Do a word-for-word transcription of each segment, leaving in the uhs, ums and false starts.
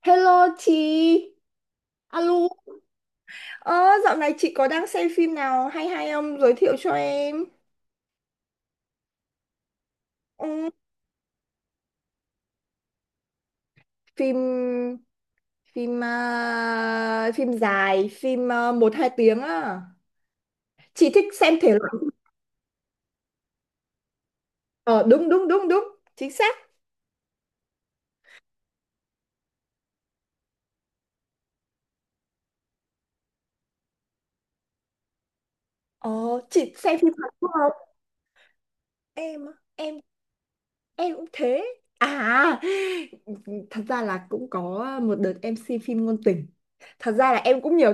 Hello chị, alo. Ờ, Dạo này chị có đang xem phim nào hay hay không? Giới thiệu cho em. Ừ, phim phim à, phim dài, phim uh, một hai tiếng á. Chị thích xem thể loại. Ờ, đúng đúng đúng đúng, chính xác. Ờ, chị xem phim Hàn Quốc không? Em á, em em cũng thế. À, thật ra là cũng có một đợt em xem phim ngôn tình. Thật ra là em cũng nhiều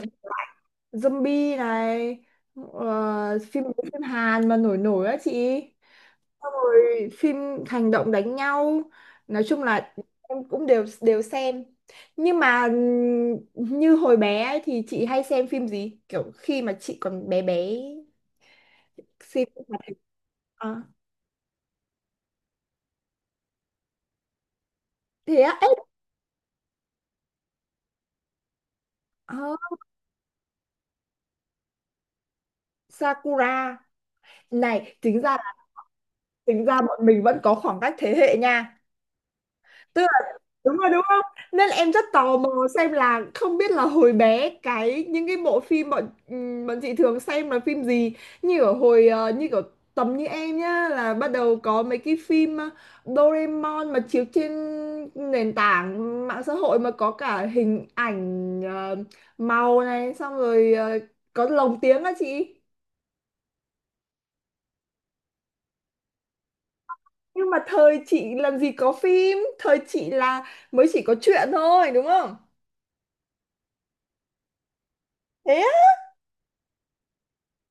zombie này, ờ, phim phim Hàn mà nổi nổi á chị, xong rồi phim hành động đánh nhau, nói chung là em cũng đều đều xem. Nhưng mà ừm, như hồi bé ấy, thì chị hay xem phim gì kiểu khi mà chị còn bé bé, xem phim hoạt hình à, thế á ấy. ờ, Sakura này, tính ra tính ra bọn mình vẫn có khoảng cách thế hệ nha, đúng rồi đúng không. Nên là em rất tò mò xem là không biết là hồi bé cái những cái bộ phim bọn ừm, bọn chị thường xem là phim gì, như ở hồi ờ, như kiểu tầm như em nhá, là bắt đầu có mấy cái phim ờ, Doraemon mà chiếu trên nền tảng mạng xã hội, mà có cả hình ảnh ờ, màu này, xong rồi ờ, có lồng tiếng á chị. Nhưng mà thời chị làm gì có phim, thời chị là mới chỉ có truyện thôi đúng không, thế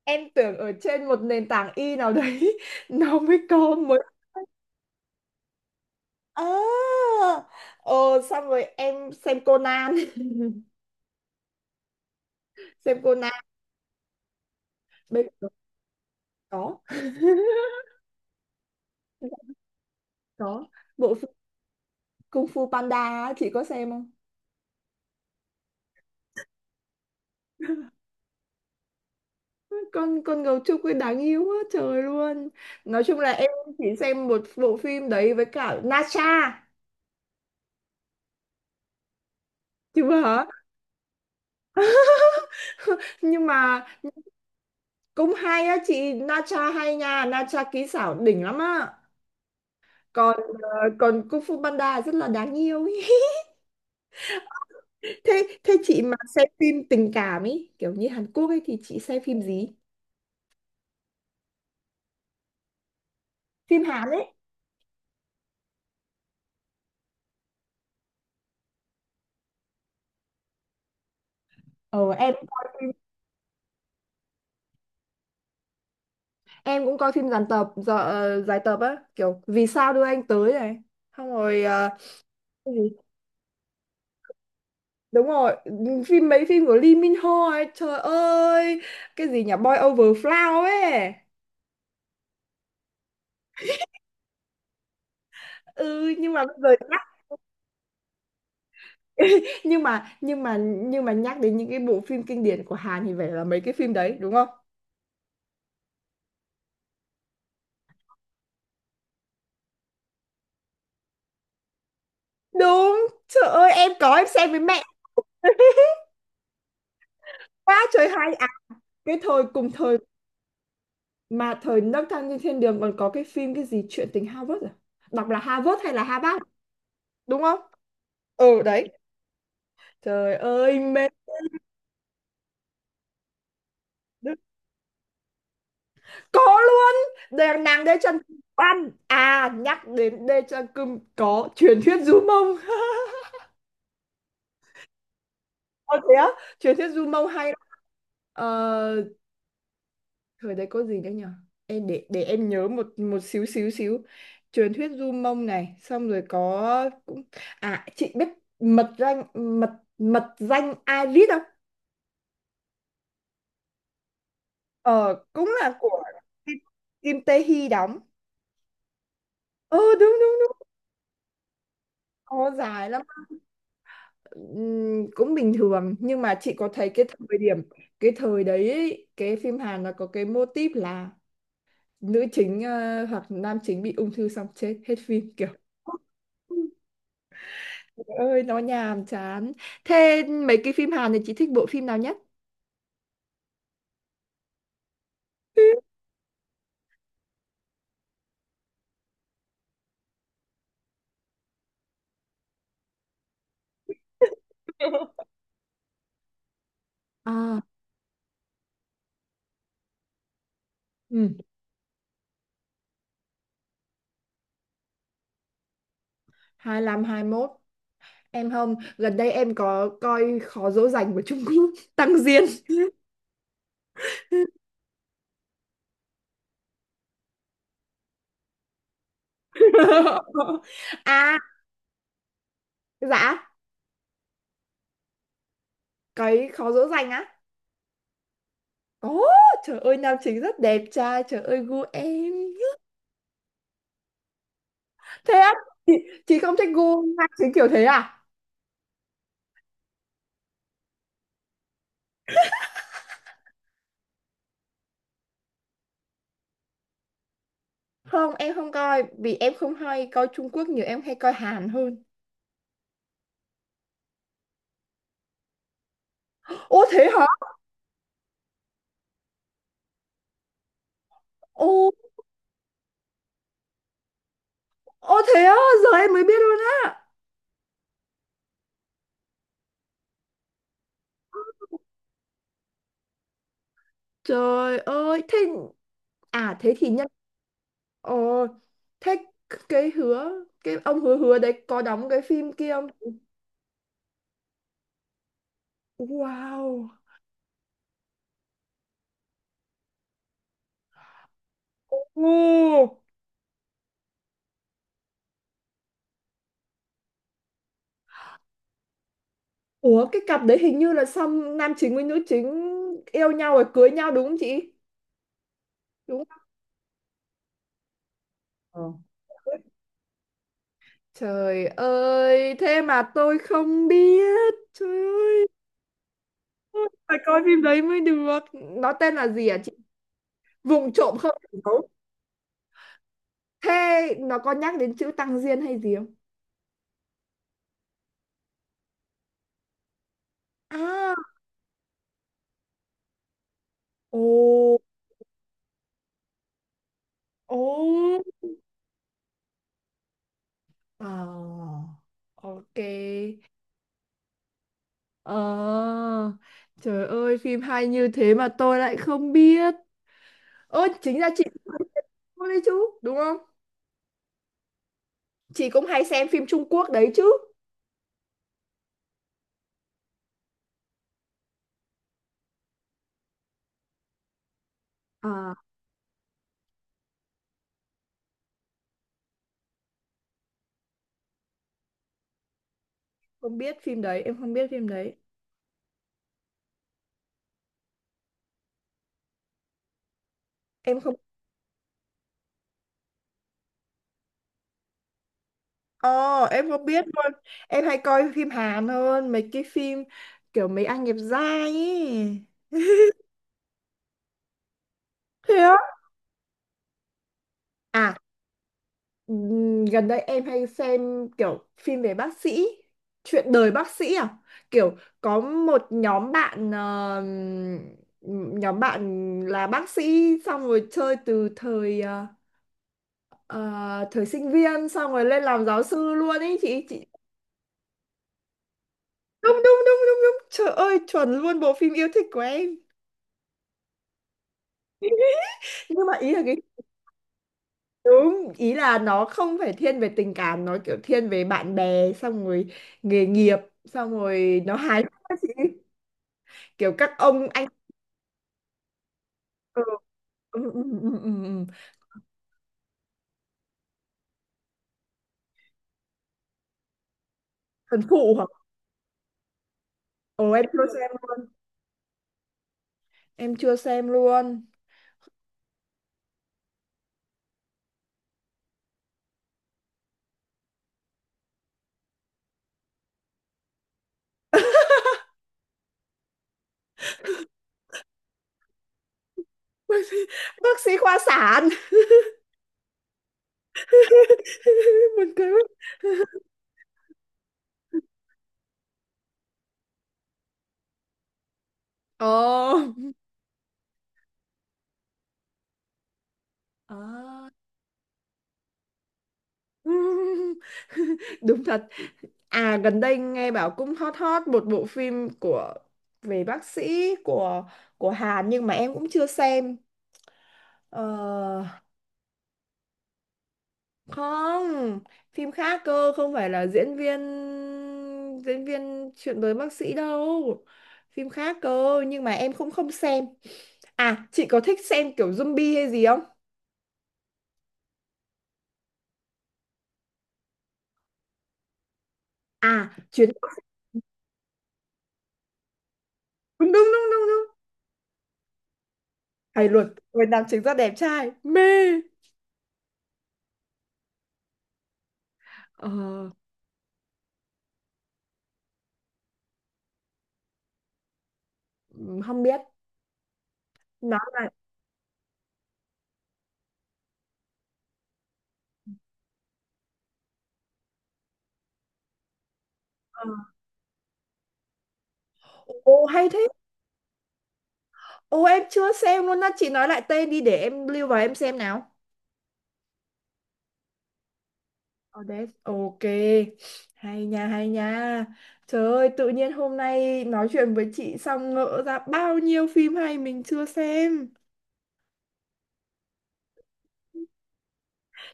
em tưởng ở trên một nền tảng y nào đấy nó mới có mới. À, ờ, xong rồi em xem Conan. Xem Conan, bây giờ có. Có bộ phim Kung Fu Panda á, chị có xem không? Con con gấu trúc ấy đáng yêu quá trời luôn. Nói chung là em chỉ xem một bộ phim đấy với cả Nacha, chứ hả. Nhưng mà cũng hay á chị, Nacha hay nha, Nacha kỹ xảo đỉnh lắm á. Còn ờ, còn Kung Fu Panda rất là đáng yêu ý. thế thế chị mà xem phim tình cảm ấy, kiểu như Hàn Quốc ấy, thì chị xem phim gì, phim Hàn ấy. Ờ em cũng coi phim, em cũng coi phim dàn tập giờ dài tập á, kiểu Vì Sao Đưa Anh Tới này, xong rồi ờ, cái gì, đúng rồi, phim mấy phim của Lee Min Ho ấy, trời ơi cái gì nhỉ, Boy Over Flower ấy. Ừ nhưng mà bây giờ nhắc, nhưng mà nhưng mà nhưng mà nhắc đến những cái bộ phim kinh điển của Hàn thì phải là mấy cái phim đấy đúng không. Đúng, trời ơi em có, em xem với mẹ. Quá trời hay à, cái thời cùng thời mà, thời Nấc Thang Trên Thiên Đường, còn có cái phim cái gì, Chuyện Tình Harvard à, đọc là Harvard hay là Harvard, đúng không? Ừ đấy, trời ơi mê, có luôn. Đèn nàng Đê Trần Kim Oan à, nhắc đến Đê Trần Kim có Truyền Thuyết Du Mông. Ờ thế á, Truyền Thuyết Du Mông hay lắm. Ờ, thời đấy có gì nữa nhở, em để để em nhớ một một xíu xíu xíu truyền Thuyết Du Mông này, xong rồi có cũng, à chị biết Mật Danh, mật mật danh Iris không, ờ cũng là của Kim Kim Tae Hee đóng. Ờ đúng đúng đúng, có dài lắm. Ừm, cũng bình thường nhưng mà chị có thấy cái thời điểm, cái thời đấy ấy, cái phim Hàn nó có cái mô típ là nữ chính ờ, hoặc nam chính bị ung thư xong chết hết phim, kiểu ơi nó nhàm chán. Thế mấy cái phim Hàn thì chị thích bộ phim nào nhất? À, ừ. Hai lăm hai mốt? Em không, gần đây em có coi Khó Dỗ Dành của Trung Quốc. Tăng Diên. À dạ, cái Khó Dỗ Dành á. Ồ, trời ơi nam chính rất đẹp trai, trời ơi gu em. Thế á, chị, chị không thích gu nam chính kiểu thế à. Không em không coi, vì em không hay coi Trung Quốc nhiều, em hay coi Hàn hơn. Ô thế hả. Ô. Ô thế á, giờ em mới biết luôn á. Trời ơi, thế à, thế thì nhân, ờ thế cái hứa, cái ông hứa hứa đấy có đóng cái phim kia không? Wow. Ồ. Ủa cái cặp đấy hình như là, xong nam chính với nữ chính yêu nhau rồi cưới nhau đúng không chị? Đúng không? Ờ. Trời ơi, thế mà tôi không biết. Trời ơi, phải coi phim đấy mới được. Nó tên là gì hả chị? Vùng Trộm Không Thành Dấu? Thế nó có nhắc đến chữ Tăng Diên hay gì không? À, ồ, ồ. Ờ, ok. Ờ, trời ơi, phim hay như thế mà tôi lại không biết. Ơ, chính ra chị cũng hay xem phim đấy chứ, đúng không? Chị cũng hay xem phim Trung Quốc đấy chứ. À, không biết phim đấy, em không biết phim đấy. Em không, ờ, em không biết luôn. Em hay coi phim Hàn hơn, mấy cái phim kiểu mấy anh đẹp trai ấy. Thế á? À, Ừm, gần đây em hay xem kiểu phim về bác sĩ, chuyện đời bác sĩ à? Kiểu có một nhóm bạn, ờ, ừm, nhóm bạn là bác sĩ, xong rồi chơi từ thời ờ, ờ, thời sinh viên, xong rồi lên làm giáo sư luôn ấy chị chị. Đúng đúng đúng đúng đúng. Trời ơi, chuẩn luôn, bộ phim yêu thích của em. Nhưng mà ý là cái, ý là nó không phải thiên về tình cảm, nó kiểu thiên về bạn bè, xong rồi nghề nghiệp, xong rồi nó hài hước á chị. Kiểu các ông anh ờ, ừ, ừ, ừ, ừ, ừ, ừ. Thần phụ hả? Ồ em chưa xem luôn, em chưa xem luôn. Bác sĩ, khoa sản. Buồn cười quá. Ồ. Ờ. Đúng thật. À gần đây nghe bảo cũng hot hot một bộ phim của, về bác sĩ của của Hàn nhưng mà em cũng chưa xem. Ờ, Không, phim khác cơ, không phải là diễn viên, diễn viên chuyện với bác sĩ đâu, phim khác cơ nhưng mà em cũng không xem. À chị có thích xem kiểu zombie hay gì không? À chuyến, đúng đúng đúng đúng đúng, hay luật, người nam chính rất đẹp trai mê. ờ, Không biết, nói là, ờ, ô hay thế. Ô em chưa xem luôn á chị, nói lại tên đi để em lưu vào em xem nào. Odess, ok. Hay nha, hay nha. Trời ơi, tự nhiên hôm nay nói chuyện với chị xong ngỡ ra bao nhiêu phim hay mình chưa xem.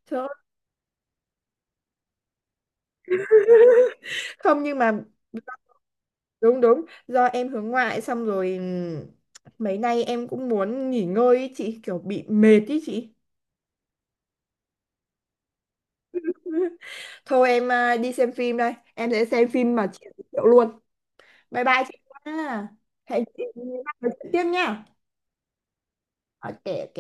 Trời ơi. Không nhưng mà, đúng đúng, do em hướng ngoại, xong rồi ừm, mấy nay em cũng muốn nghỉ ngơi ý chị, kiểu bị mệt ý chị. Thôi em à, đi xem phim đây. Em sẽ xem phim mà chị giới thiệu luôn. Bye bye chị nha. Hẹn chị gặp lại chị tiếp nha. Ok, ok.